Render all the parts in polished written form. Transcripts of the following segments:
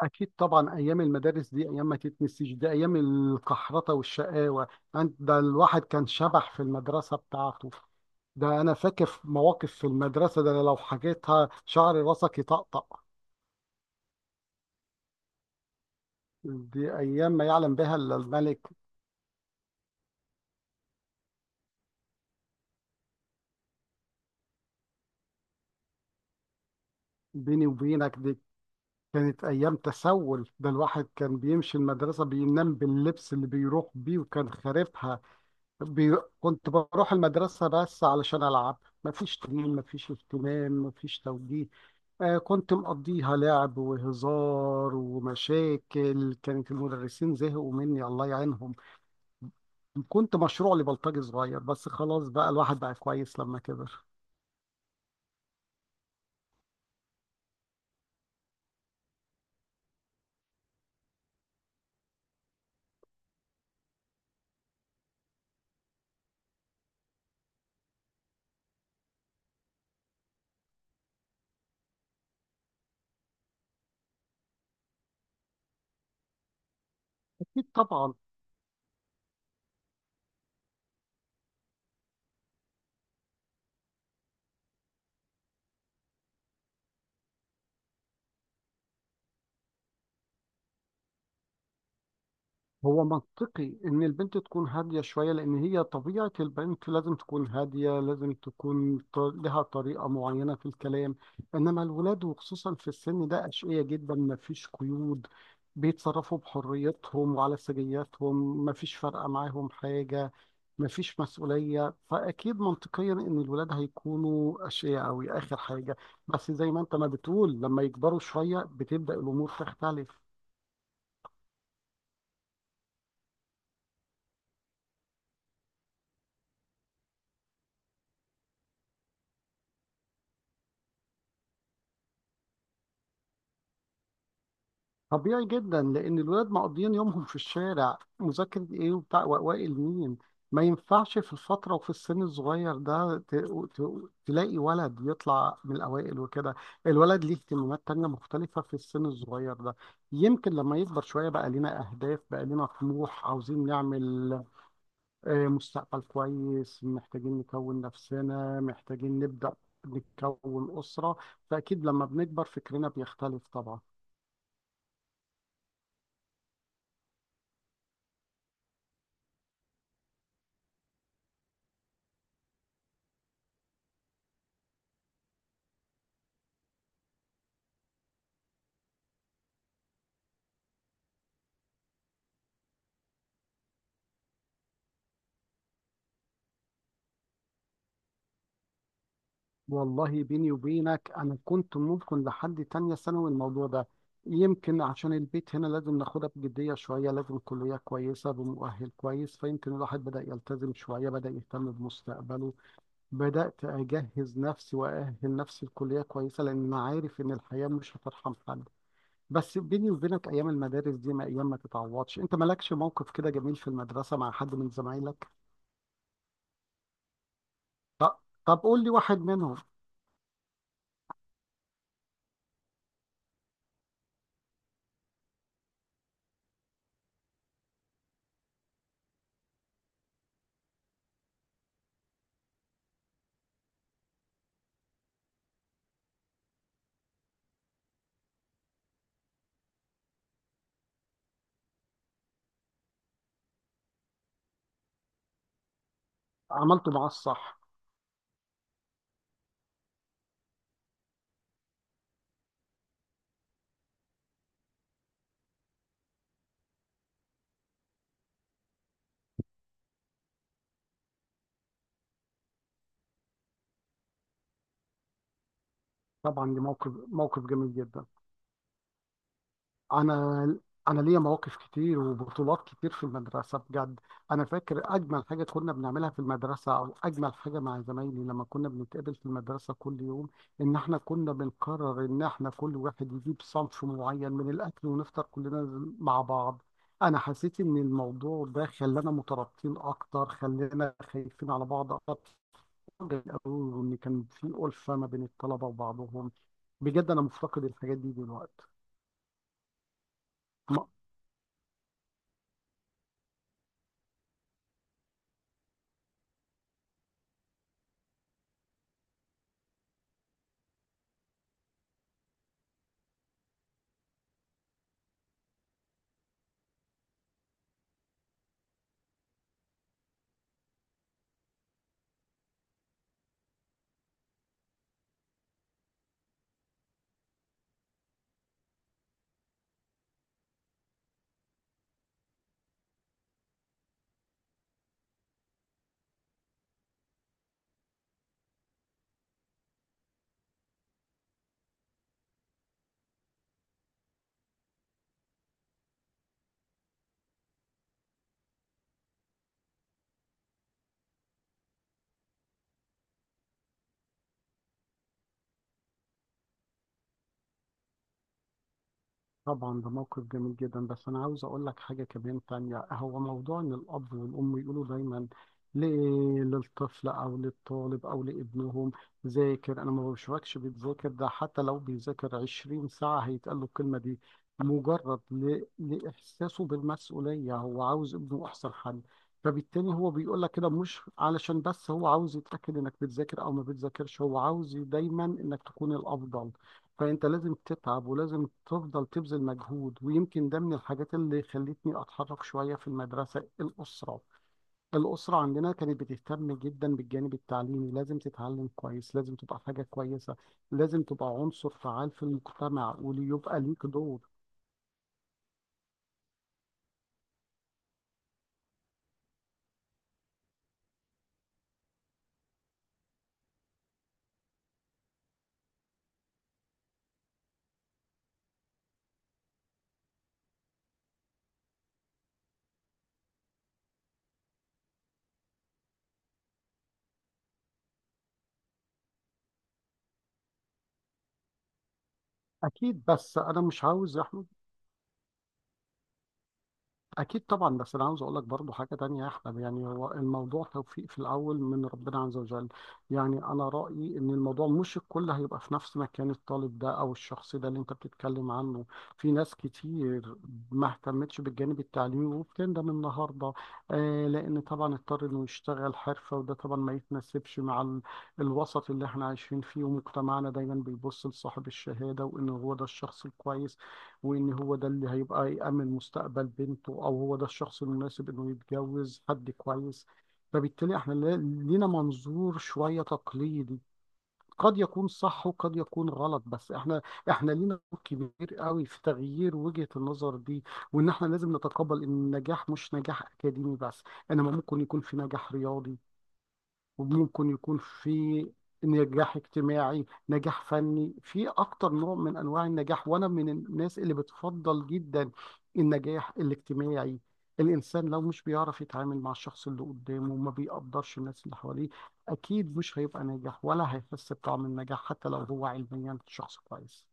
أكيد طبعا، أيام المدارس دي أيام ما تتنسيش، دي أيام القحرطة والشقاوة. ده الواحد كان شبح في المدرسة بتاعته. ده أنا فاكر في مواقف في المدرسة، ده لو حكيتها شعر راسك يطقطق. دي أيام ما يعلم بها إلا الملك. بيني وبينك دي كانت أيام تسول، ده الواحد كان بيمشي المدرسة بينام باللبس اللي بيروح بيه وكان خاربها. كنت بروح المدرسة بس علشان ألعب، مفيش تمرين مفيش اهتمام مفيش توجيه. آه، كنت مقضيها لعب وهزار ومشاكل، كانت المدرسين زهقوا مني الله يعينهم. كنت مشروع لبلطجي صغير، بس خلاص بقى الواحد بقى كويس لما كبر. أكيد طبعا. هو منطقي إن البنت تكون هادية شوية، لأن هي طبيعة البنت لازم تكون هادية، لازم تكون لها طريقة معينة في الكلام. إنما الولاد وخصوصا في السن ده أشقية جدا، مفيش قيود، بيتصرفوا بحريتهم وعلى سجياتهم، مفيش فارقة معاهم حاجة، مفيش مسؤولية. فأكيد منطقيا إن الولاد هيكونوا أشقياء أوي آخر حاجة. بس زي ما أنت ما بتقول، لما يكبروا شوية بتبدأ الأمور تختلف. طبيعي جدا، لأن الولاد مقضيين يومهم في الشارع، مذاكرة إيه وبتاع وأوائل مين. ما ينفعش في الفترة وفي السن الصغير ده تلاقي ولد يطلع من الأوائل وكده. الولد ليه اهتمامات تانية مختلفة في السن الصغير ده. يمكن لما يكبر شوية بقى لنا أهداف، بقى لنا طموح، عاوزين نعمل آه، مستقبل كويس، محتاجين نكون نفسنا، محتاجين نبدأ نكون أسرة. فأكيد لما بنكبر فكرنا بيختلف طبعا. والله بيني وبينك أنا كنت ممكن لحد تانية ثانوي الموضوع ده، يمكن عشان البيت هنا لازم ناخدها بجدية شوية، لازم كلية كويسة بمؤهل كويس، فيمكن الواحد بدأ يلتزم شوية بدأ يهتم بمستقبله. بدأت أجهز نفسي وأأهل نفسي لكلية كويسة، لأن أنا عارف إن الحياة مش هترحم حد. بس بيني وبينك ايام المدارس دي ما ايام ما تتعوضش، انت مالكش موقف كده جميل في المدرسه مع حد من زمايلك؟ طب، طب قول لي واحد منهم. عملته معاه الصح. طبعا دي موقف، موقف جميل جدا. انا انا ليا مواقف كتير وبطولات كتير في المدرسه بجد. انا فاكر اجمل حاجه كنا بنعملها في المدرسه، او اجمل حاجه مع زمايلي لما كنا بنتقابل في المدرسه كل يوم، ان احنا كنا بنقرر ان احنا كل واحد يجيب صنف معين من الاكل ونفطر كلنا مع بعض. انا حسيت ان الموضوع ده خلانا مترابطين اكتر، خلانا خايفين على بعض اكتر، وان كان في ألفة ما بين الطلبه وبعضهم. بجد انا مفتقد الحاجات دي دلوقتي. طبعا ده موقف جميل جدا، بس انا عاوز اقول لك حاجه كمان تانية، هو موضوع ان الاب والام يقولوا دايما ليه للطفل او للطالب او لابنهم ذاكر، انا ما بشوفكش بتذاكر. ده حتى لو بيذاكر 20 ساعه هيتقال له الكلمه دي، مجرد لاحساسه بالمسؤوليه، هو عاوز ابنه احسن حل. فبالتالي هو بيقول لك كده مش علشان بس هو عاوز يتاكد انك بتذاكر او ما بتذاكرش، هو عاوز دايما انك تكون الافضل. فانت لازم تتعب ولازم تفضل تبذل مجهود. ويمكن ده من الحاجات اللي خلتني اتحرك شويه في المدرسه. الاسره عندنا كانت بتهتم جدا بالجانب التعليمي، لازم تتعلم كويس، لازم تبقى حاجه كويسه، لازم تبقى عنصر فعال في المجتمع وليبقى ليك دور. اكيد، بس انا مش عاوز. اكيد طبعا، بس انا عاوز اقول لك برضو حاجه تانية يا احمد، يعني هو الموضوع توفيق في الاول من ربنا عز وجل. يعني انا رايي ان الموضوع مش الكل هيبقى في نفس مكان الطالب ده او الشخص ده اللي انت بتتكلم عنه. في ناس كتير ما اهتمتش بالجانب التعليمي وبتندم النهارده. آه، لان طبعا اضطر انه يشتغل حرفه، وده طبعا ما يتناسبش مع الوسط اللي احنا عايشين فيه، ومجتمعنا دايما بيبص لصاحب الشهاده وان هو ده الشخص الكويس، وإن هو ده اللي هيبقى يأمن مستقبل بنته، أو هو ده الشخص المناسب إنه يتجوز حد كويس. فبالتالي إحنا لينا منظور شوية تقليدي، قد يكون صح وقد يكون غلط. بس إحنا لينا دور كبير قوي في تغيير وجهة النظر دي، وإن إحنا لازم نتقبل إن النجاح مش نجاح أكاديمي بس، إنما ممكن يكون في نجاح رياضي، وممكن يكون في نجاح اجتماعي، نجاح فني، في اكتر نوع من انواع النجاح. وانا من الناس اللي بتفضل جدا النجاح الاجتماعي. الانسان لو مش بيعرف يتعامل مع الشخص اللي قدامه وما بيقدرش الناس اللي حواليه، اكيد مش هيبقى ناجح ولا هيحس بطعم النجاح حتى لو هو علميا شخص كويس.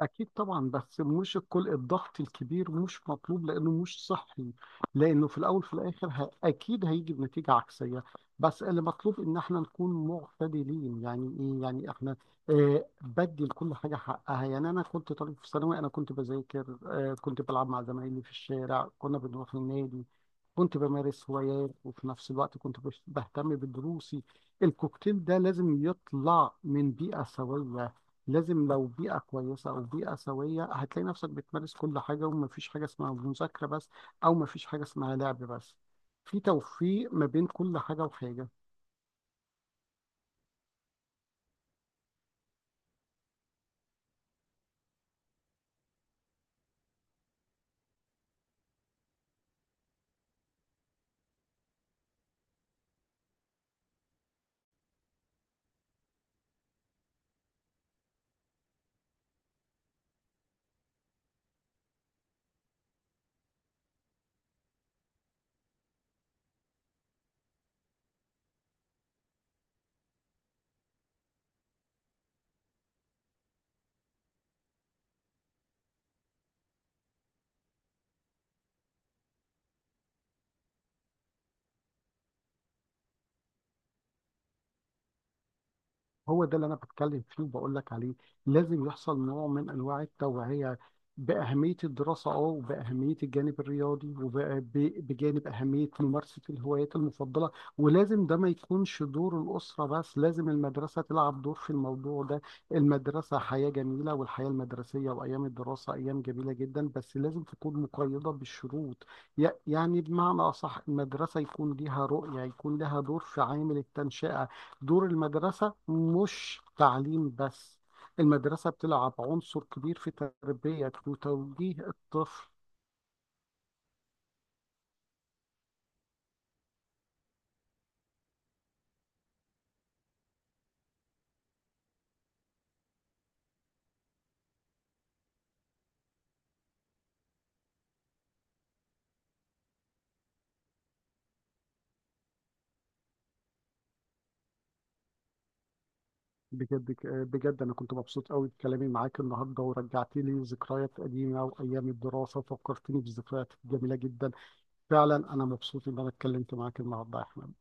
أكيد طبعا، بس مش الكل. الضغط الكبير مش مطلوب لأنه مش صحي، لأنه في الأول في الآخر أكيد هيجي بنتيجة عكسية. بس اللي مطلوب إن إحنا نكون معتدلين. يعني إيه؟ يعني إحنا آه، بدي لكل حاجة حقها. يعني أنا كنت طالب في ثانوي، أنا كنت بذاكر آه، كنت بلعب مع زمايلي في الشارع، كنا بنروح النادي، كنت بمارس هوايات، وفي نفس الوقت كنت بهتم بدروسي. الكوكتيل ده لازم يطلع من بيئة سوية، لازم. لو بيئة كويسة أو بيئة سوية هتلاقي نفسك بتمارس كل حاجة، ومفيش حاجة اسمها مذاكرة بس، أو مفيش حاجة اسمها لعب بس. في توفيق ما بين كل حاجة وحاجة. هو ده اللي انا بتكلم فيه وبقول لك عليه. لازم يحصل نوع من انواع التوعيه باهميه الدراسه، اه، وباهميه الجانب الرياضي، وبجانب اهميه ممارسه الهوايات المفضله. ولازم ده ما يكونش دور الاسره بس، لازم المدرسه تلعب دور في الموضوع ده. المدرسه حياه جميله، والحياه المدرسيه وايام الدراسه ايام جميله جدا، بس لازم تكون مقيده بالشروط. يعني بمعنى اصح المدرسه يكون ليها رؤيه، يكون لها دور في عامل التنشئه. دور المدرسة مش تعليم بس، المدرسة بتلعب عنصر كبير في تربية وتوجيه الطفل. بجد بجد أنا كنت مبسوط قوي بكلامي معاك النهاردة، ورجعت لي ذكريات قديمة وأيام الدراسة، وفكرتني بذكريات جميلة جدا. فعلا أنا مبسوط إن أنا اتكلمت معاك النهاردة يا أحمد.